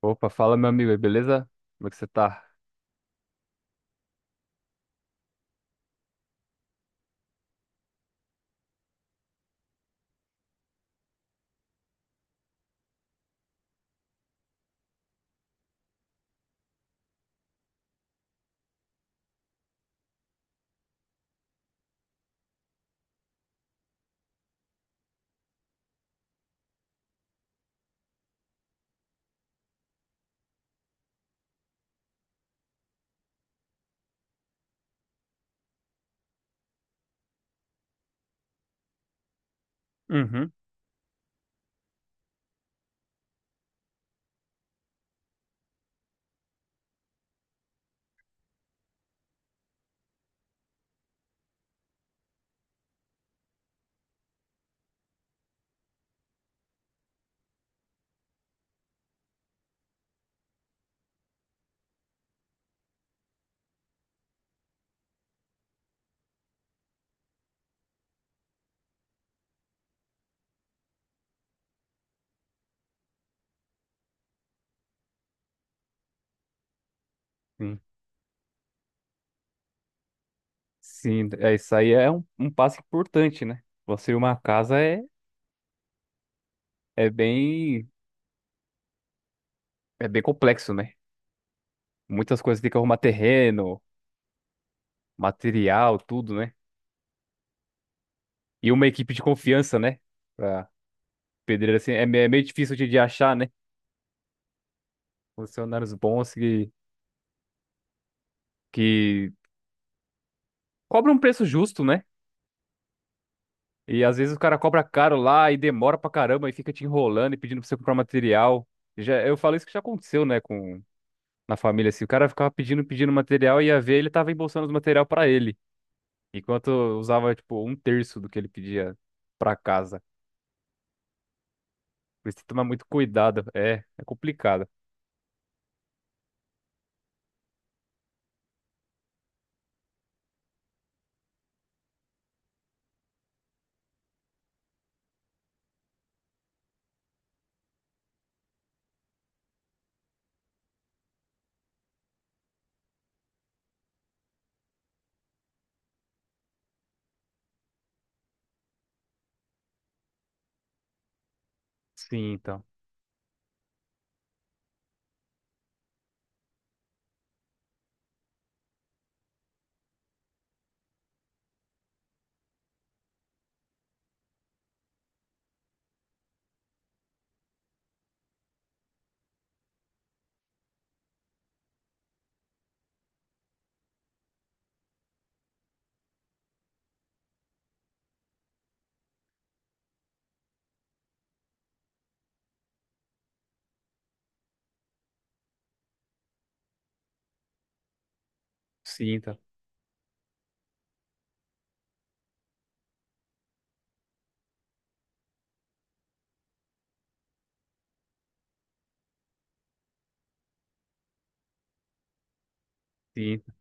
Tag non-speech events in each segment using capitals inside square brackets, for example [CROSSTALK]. Opa, fala meu amigo aí, beleza? Como é que você tá? Uhum, sim. Sim, é isso aí é um passo importante, né? Construir uma casa é, é bem é bem complexo, né? Muitas coisas, tem que arrumar terreno, material, tudo, né? E uma equipe de confiança, né? Pra pedreiro assim, é meio difícil de achar, né? Funcionários bons que cobram um preço justo, né? E às vezes o cara cobra caro lá e demora pra caramba e fica te enrolando e pedindo pra você comprar material. Já, eu falo isso que já aconteceu, né? Na família, assim. O cara ficava pedindo, pedindo material e ia ver, ele tava embolsando os material pra ele. Enquanto eu usava, tipo, um terço do que ele pedia pra casa. Por isso tem que tomar muito cuidado. É, é complicado. Sim, então. Sim, então. Sim, então,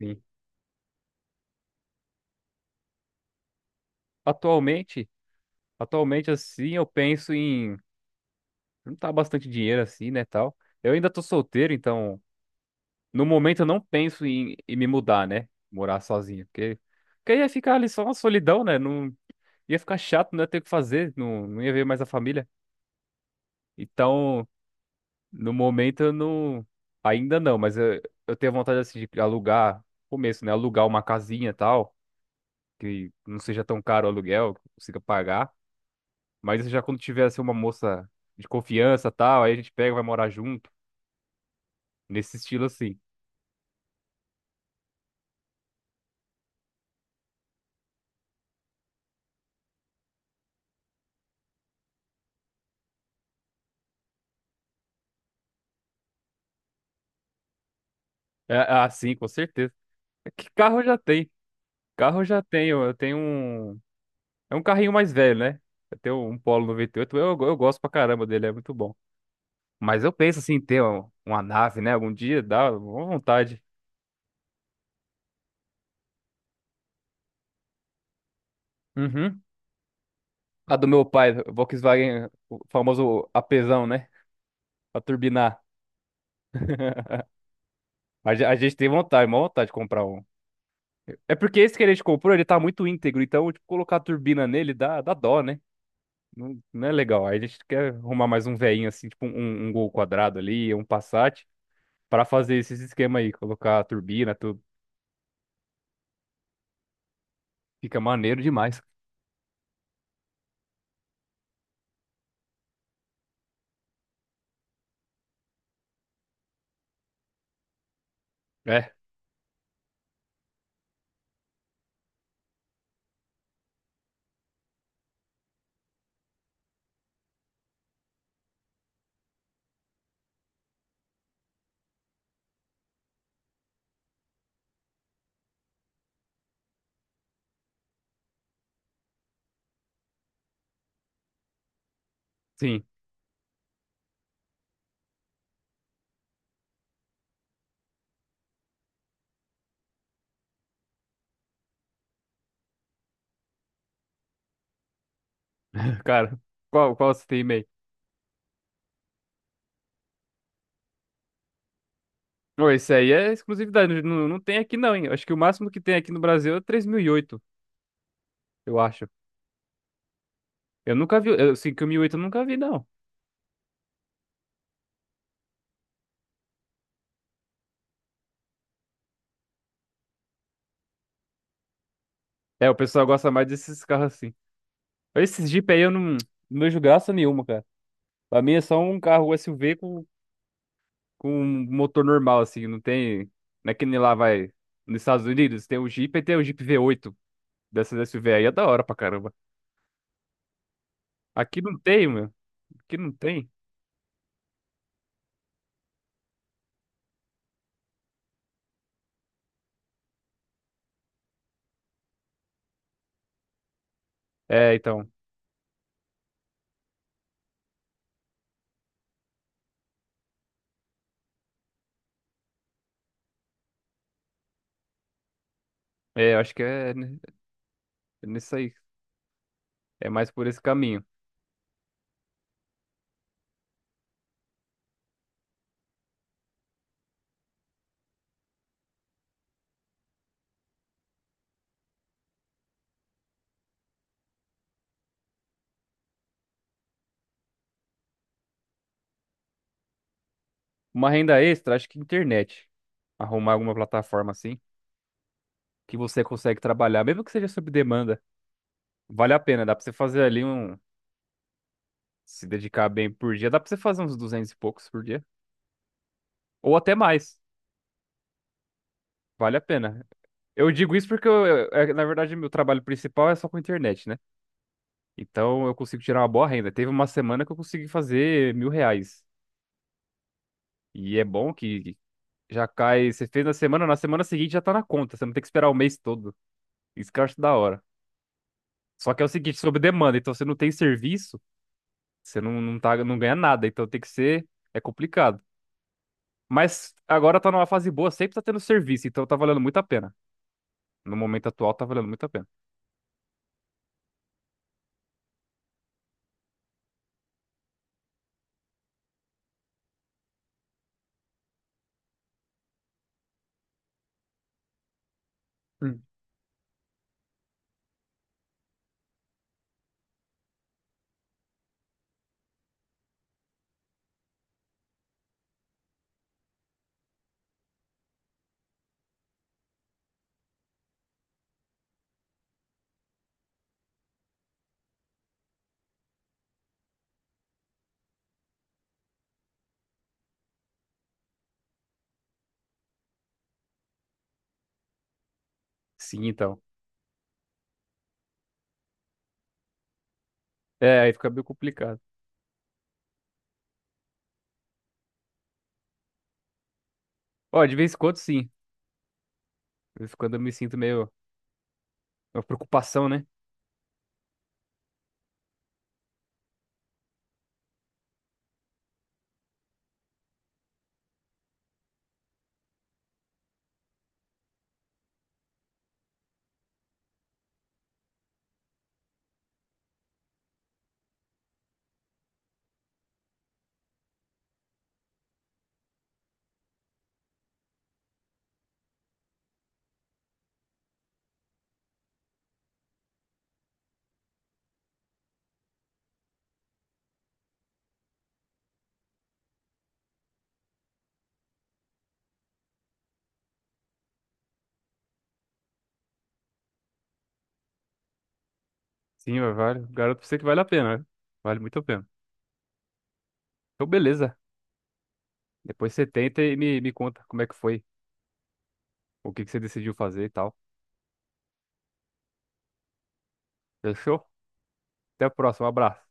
sim. Atualmente, atualmente, assim, eu penso em não tá bastante dinheiro assim, né, tal. Eu ainda tô solteiro, então, no momento eu não penso em me mudar, né? Morar sozinho, porque, porque ia ficar ali só uma solidão, né? Não, ia ficar chato, não ia ter o que fazer, não ia ver mais a família. Então, no momento eu não. Ainda não, mas eu tenho vontade assim de alugar, começo, né? Alugar uma casinha e tal, que não seja tão caro o aluguel, que eu consiga pagar. Mas já quando tiver assim, uma moça de confiança e tal, aí a gente pega, vai morar junto, nesse estilo assim. É, é assim, com certeza. É. Que carro? Eu já tenho. Carro eu já tenho. Eu tenho um. É um carrinho mais velho, né? Eu tenho um Polo 98, eu gosto pra caramba dele, é muito bom. Mas eu penso assim, em uma nave, né? Algum dia dá uma vontade. Uhum. A do meu pai, Volkswagen, o famoso apesão, né? Pra turbinar. [LAUGHS] A gente tem vontade, uma vontade de comprar um. É porque esse que a gente comprou, ele tá muito íntegro, então, tipo, colocar a turbina nele dá, dá dó, né? Não, não é legal. Aí a gente quer arrumar mais um veinho, assim, tipo um Gol quadrado ali, um Passat, pra fazer esses esquema aí, colocar a turbina, tudo. Fica maneiro demais. É, sim. [LAUGHS] Cara, qual você tem e-mail? Não, esse aí é exclusividade, não, não tem aqui não, hein? Acho que o máximo que tem aqui no Brasil é o 3008, eu acho. Eu nunca vi, eu, assim, que o 1008 eu nunca vi, não. É, o pessoal gosta mais desses carros assim. Esses Jeep aí eu não vejo graça nenhuma, cara. Pra mim é só um carro SUV com um motor normal, assim, não tem... Não é que nem lá vai... Nos Estados Unidos tem o Jeep e tem o Jeep V8 dessas SUV aí, é da hora pra caramba. Aqui não tem, meu. Aqui não tem. É, então, eu acho que é nisso aí. É mais por esse caminho. Uma renda extra, acho que internet. Arrumar alguma plataforma assim, que você consegue trabalhar, mesmo que seja sob demanda, vale a pena. Dá pra você fazer ali um. Se dedicar bem por dia, dá pra você fazer uns 200 e poucos por dia. Ou até mais. Vale a pena. Eu digo isso porque, na verdade, meu trabalho principal é só com internet, né? Então eu consigo tirar uma boa renda. Teve uma semana que eu consegui fazer R$ 1.000. E é bom que já cai. Você fez na semana seguinte já tá na conta. Você não tem que esperar o mês todo. Isso que eu acho da hora. Só que é o seguinte, sob demanda. Então você não tem serviço. Você não ganha nada, então tem que ser. É complicado. Mas agora tá numa fase boa, sempre tá tendo serviço, então tá valendo muito a pena. No momento atual tá valendo muito a pena. Hum. Sim, então. É, aí fica meio complicado. Ó, de vez em quando, sim. De vez em quando eu me sinto meio. Uma preocupação, né? Sim, mas vale. Garanto pra você que vale a pena, né? Vale muito a pena. Então, beleza. Depois você tenta e me conta como é que foi, o que que você decidiu fazer e tal. Fechou? Até a próxima. Um abraço.